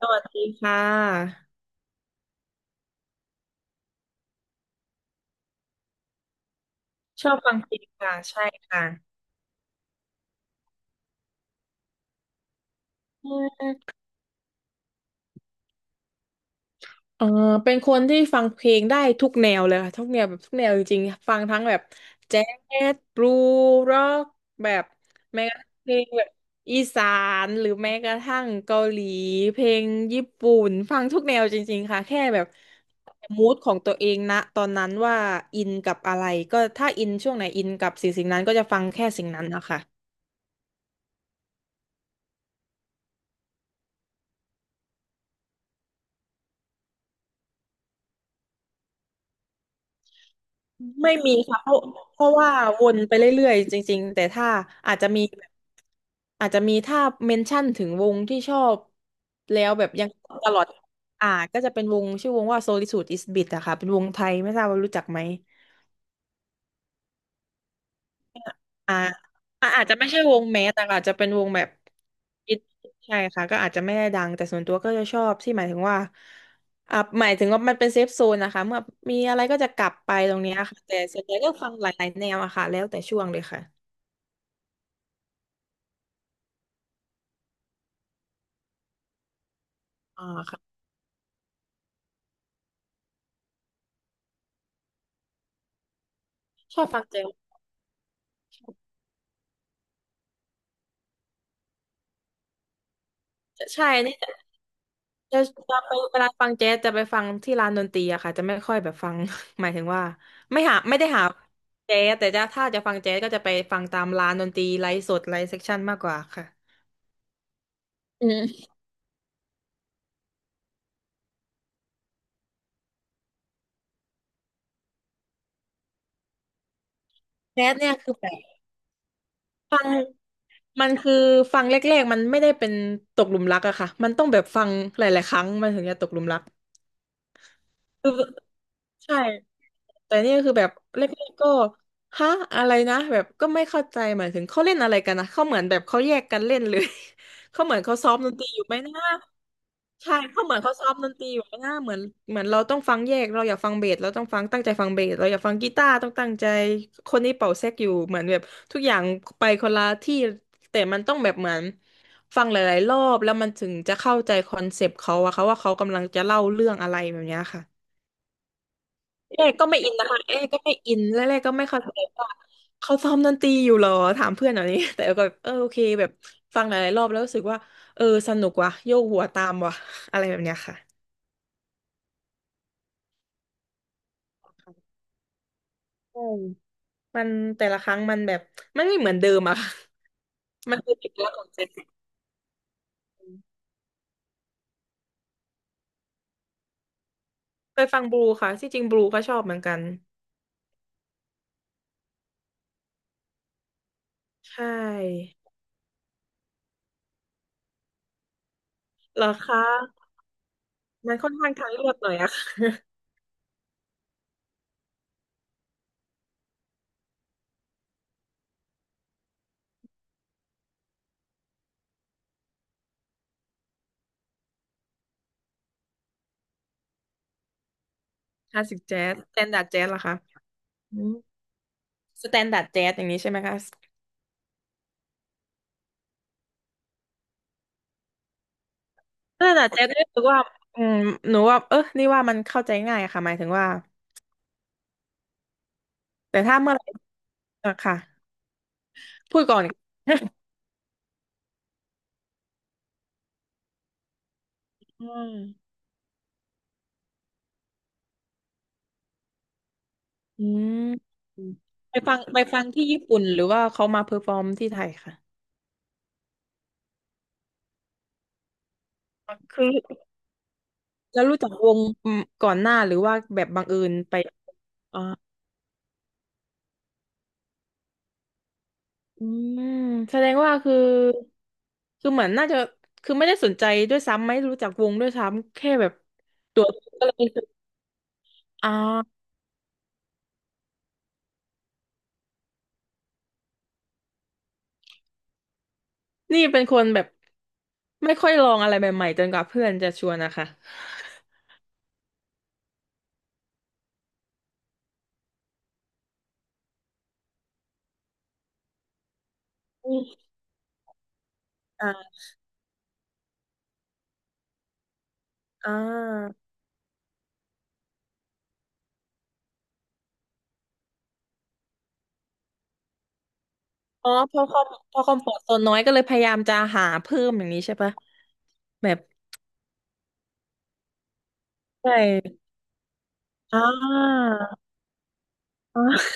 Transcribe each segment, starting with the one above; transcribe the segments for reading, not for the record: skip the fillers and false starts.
สวัสดีค่ะชอบฟังเพลงค่ะใช่ค่ะเอืเออเป็นคนที่ฟังเพลงได้ทุกแนวเลยค่ะทุกแนวแบบทุกแนวจริงๆฟังทั้งแบบแจ๊สบลูร็อกแบบแม้กระทั่งเพลงแบบอีสานหรือแม้กระทั่งเกาหลีเพลงญี่ปุ่นฟังทุกแนวจริงๆค่ะแค่แบบมูดของตัวเองนะตอนนั้นว่าอินกับอะไรก็ถ้าอินช่วงไหนอินกับสิ่งนั้นก็จะฟังแค่สิ่งนั้นนะคะ ไม่มีค่ะเพราะว่าวนไปเรื่อยๆจริงๆแต่ถ้าอาจจะมีแบบอาจจะมีถ้าเมนชั่นถึงวงที่ชอบแล้วแบบยังตลอดอ่าก็จะเป็นวงชื่อวงว่า Solitude is Bit อะค่ะเป็นวงไทยไม่ทราบว่ารู้จักไหมอ่าอาจจะไม่ใช่วงแมสแต่อาจจะเป็นวงแบบอินใช่ค่ะก็อาจจะไม่ได้ดังแต่ส่วนตัวก็จะชอบที่หมายถึงว่าหมายถึงว่ามันเป็นเซฟโซนนะคะเมื่อมีอะไรก็จะกลับไปตรงเนี้ยค่ะแต่ส่วนใหญ่ก็ฟังหลายๆแนวอะค่ะแล้วแต่ช่วงเลยค่ะ อ่าค่ะชอบฟังแจ๊สชอบใช่นี่จะจะจะไปเวลาฟังแจ๊สจะไปฟังที่ร้านดนตรีอะค่ะจะไม่ค่อยแบบฟัง หมายถึงว่าไม่หาไม่ได้หาแจ๊สแต่จะถ้าจะฟังแจ๊สก็จะไปฟังตามร้านดนตรีไลฟ์สดไลฟ์เซ็กชันมากกว่าค่ะอืมแจ๊สเนี่ยคือแบบมันคือฟังแรกๆมันไม่ได้เป็นตกหลุมรักอะค่ะมันต้องแบบฟังหลายๆครั้งมันถึงจะตกหลุมรักคือใช่ แต่เนี่ยคือแบบแรกๆก็ฮะอะไรนะแบบก็ไม่เข้าใจหมายถึงเขาเล่นอะไรกันนะเขาเหมือนแบบเขาแยกกันเล่นเลย เขาเหมือนเขาซ้อมดนตรีอยู่ไหมนะใช่เขาเหมือนเขาซ้อมดนตรีอยู่ไหมนะเหมือนเหมือนเราต้องฟังแยกเราอยากฟังเบสเราต้องฟังตั้งใจฟังเบสเราอยากฟังกีตาร์ต้องตั้งใจคนนี้เป่าแซกอยู่เหมือนแบบทุกอย่างไปคนละที่แต่มันต้องแบบเหมือนฟังหลายๆรอบแล้วมันถึงจะเข้าใจคอนเซปต์เขาอะค่ะว่าเขากำลังจะเล่าเรื่องอะไรแบบเนี้ยค่ะ เอ้ก็ไม่อินนะคะเอ้ก็ไม่อินแล้วเอก็ไม่เข้าใจว่าเขาซ้อมดนตรีอยู่เหรอถามเพื่อนแบบนี้ แต่ก็แบบโอเคแบบฟังหลายๆรอบแล้วรู้สึกว่าเออสนุกว่ะโยกหัวตามว่ะ อะไรแบบเนี้ยค่ะอืมมันแต่ละครั้งมันแบบมันไม่เหมือนเดิมอะ ค่ะ มันคือเอกลักษณ์ของเจนเคยฟังบลูค่ะที่จริงบลูก็ชอบเหมือนกันใช่เหรอคะมันค่อนข้างทางเลือกหน่อยอะ ค่ะคลาสสิกแจ๊สสแตนดาร์ดแจ๊สเหรอคะอืมสแตนดาร์ดแจ๊สอย่างนี้ใช่ไหมคะ นั่นแหละเจ๊ก็รู้สึกว่าอืมหนูว่าเออนี่ว่ามันเข้าใจง่ายค่ะหมายถึงว่าแต่ถ้าเมื่อไหร่อะค่ะพูดก่อนอืม อืมไปฟังไปฟังที่ญี่ปุ่นหรือว่าเขามาเพอร์ฟอร์มที่ไทยค่ะคือแล้วรู้จักวงอืมก่อนหน้าหรือว่าแบบบังเอิญไปอ่าอืมแสดงว่าคือคือเหมือนน่าจะคือไม่ได้สนใจด้วยซ้ำไม่รู้จักวงด้วยซ้ำแค่แบบตัวก็เลยอ่า นี่เป็นคนแบบไม่ค่อยลองอะไรใหม่ๆจนกว่าเพื่อนจะชวนนะคะอืมอ่าอ่าอ๋อพอคอมพอความปลอดโซนน้อยก็เลยพยายามจะหาเพิ่มอย่างนี้ใช่ปะแบบใช่อ่าอ่า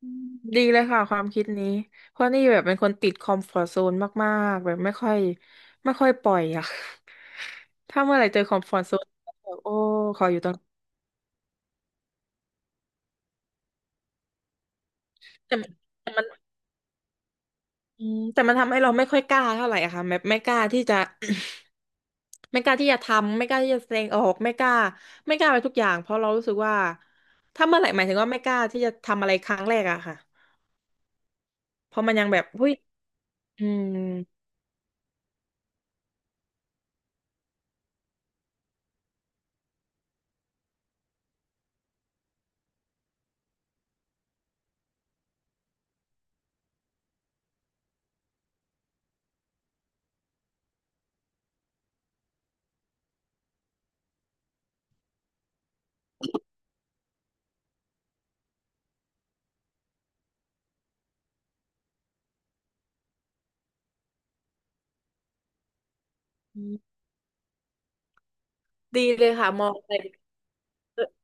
อืมดีเลยค่ะความคิดนี้เพราะนี่แบบเป็นคนติดคอมฟอร์ตโซนมากๆแบบไม่ค่อยไม่ค่อยปล่อยอะ ถ้าเมื่อไหร่เจอคอมฟอร์ตโซนแบบโอ้ขออยู่ตรงแต่แต่มัน อืมแต่มันทำให้เราไม่ค่อยกล้าเท่าไหร่อะค่ะแบบไม่กล้าที่จะ ไม่กล้าที่จะทำไม่กล้าที่จะแสดงออกไม่กล้าไม่กล้าไปทุกอย่างเพราะเรารู้สึกว่าถ้าเมื่อไหร่หมายถึงว่าไม่กล้าที่จะทำอะไรครั้งแรกอะค่ะเพราะมันยังแบบหุ้ยอืมดีเลยค่ะมองอะไร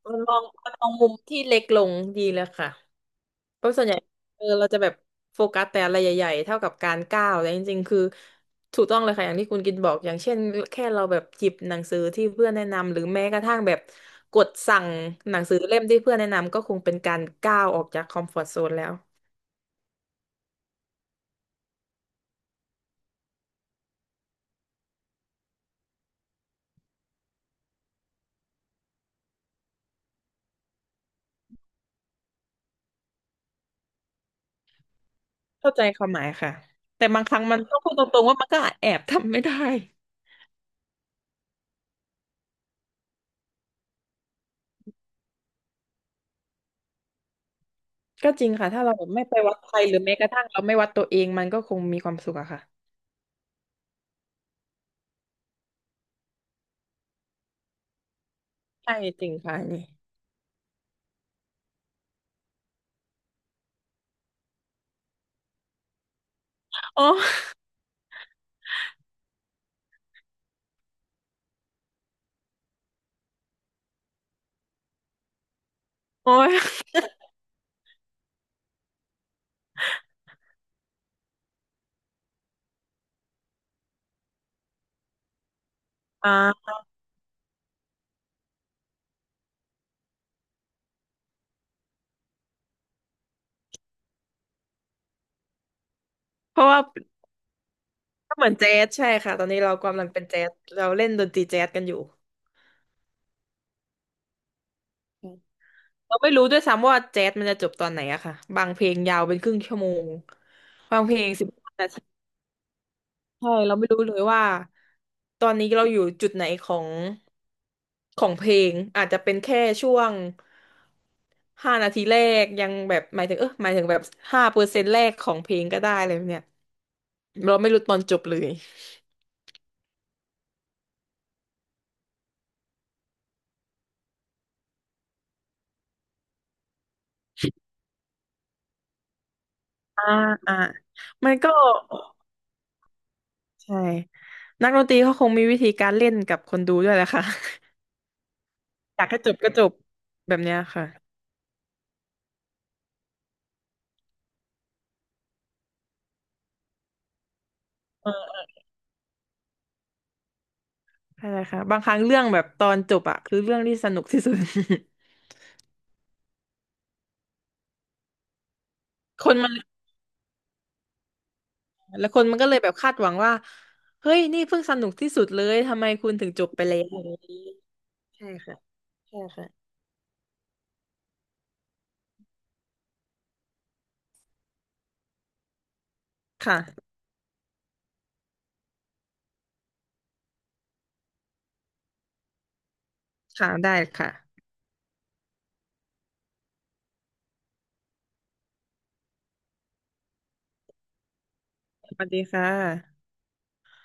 มันมองมันมองมุมที่เล็กลงดีเลยค่ะ เพราะส่วนใหญ่เออเราจะแบบโฟกัสแต่อะไรใหญ่ๆเท่ากับการก้าวแต่จริงๆคือถูกต้องเลยค่ะอย่างที่คุณกินบอกอย่างเช่นแค่เราแบบหยิบหนังสือที่เพื่อนแนะนำหรือแม้กระทั่งแบบกดสั่งหนังสือเล่มที่เพื่อนแนะนำก็คงเป็นการก้าวออกจากคอมฟอร์ z โซนแล้วเข้าใจความหมายค่ะแต่บางครั้งมันต้องพูดตรงๆว่ามันก็แอบทำไม่ได้ก็จริงค่ะถ้าเราแบบไม่ไปวัดใครหรือแม้กระทั่งเราไม่วัดตัวเองมันก็คงมีความสุขอะค่ะใช่จริงค่ะอันนี่อ๋อโอ้ยอ่าเพราะว่า ก็เหมือนแจ๊สใช่ค่ะตอนนี้เรากำลังเป็นแจ๊สเราเล่นดนตรีแจ๊สกันอยู่อืมเราไม่รู้ด้วยซ้ำว่าแจ๊สมันจะจบตอนไหนอะค่ะบางเพลงยาวเป็นครึ่งชั่วโมงบางเพลง15 นาทีใช่เราไม่รู้เลยว่าตอนนี้เราอยู่จุดไหนของของเพลงอาจจะเป็นแค่ช่วงห้านาทีแรกยังแบบหมายถึงเออหมายถึงแบบ5%แรกของเพลงก็ได้เลยเนี่ยเราไม่รู้ตอนจบเลยอ่าอ่ามันก็ ใช่นักดนตรีเขาคงมีวิธีการเล่นกับคนดูด้วยแหละค่ะ อยากให้จบก็จบแบบเนี้ยค่ะใช่ค่ะบางครั้งเรื่องแบบตอนจบอะคือเรื่องที่สนุกที่สุด คนมันแล้วคนมันก็เลยแบบคาดหวังว่าเฮ้ยนี่เพิ่งสนุกที่สุดเลยทำไมคุณถึงจบไปแล้วอย่างนี้ใช่ค่ะใช่ค่ะค่ะค่ะได้ค่ะสวัสดีค่ะ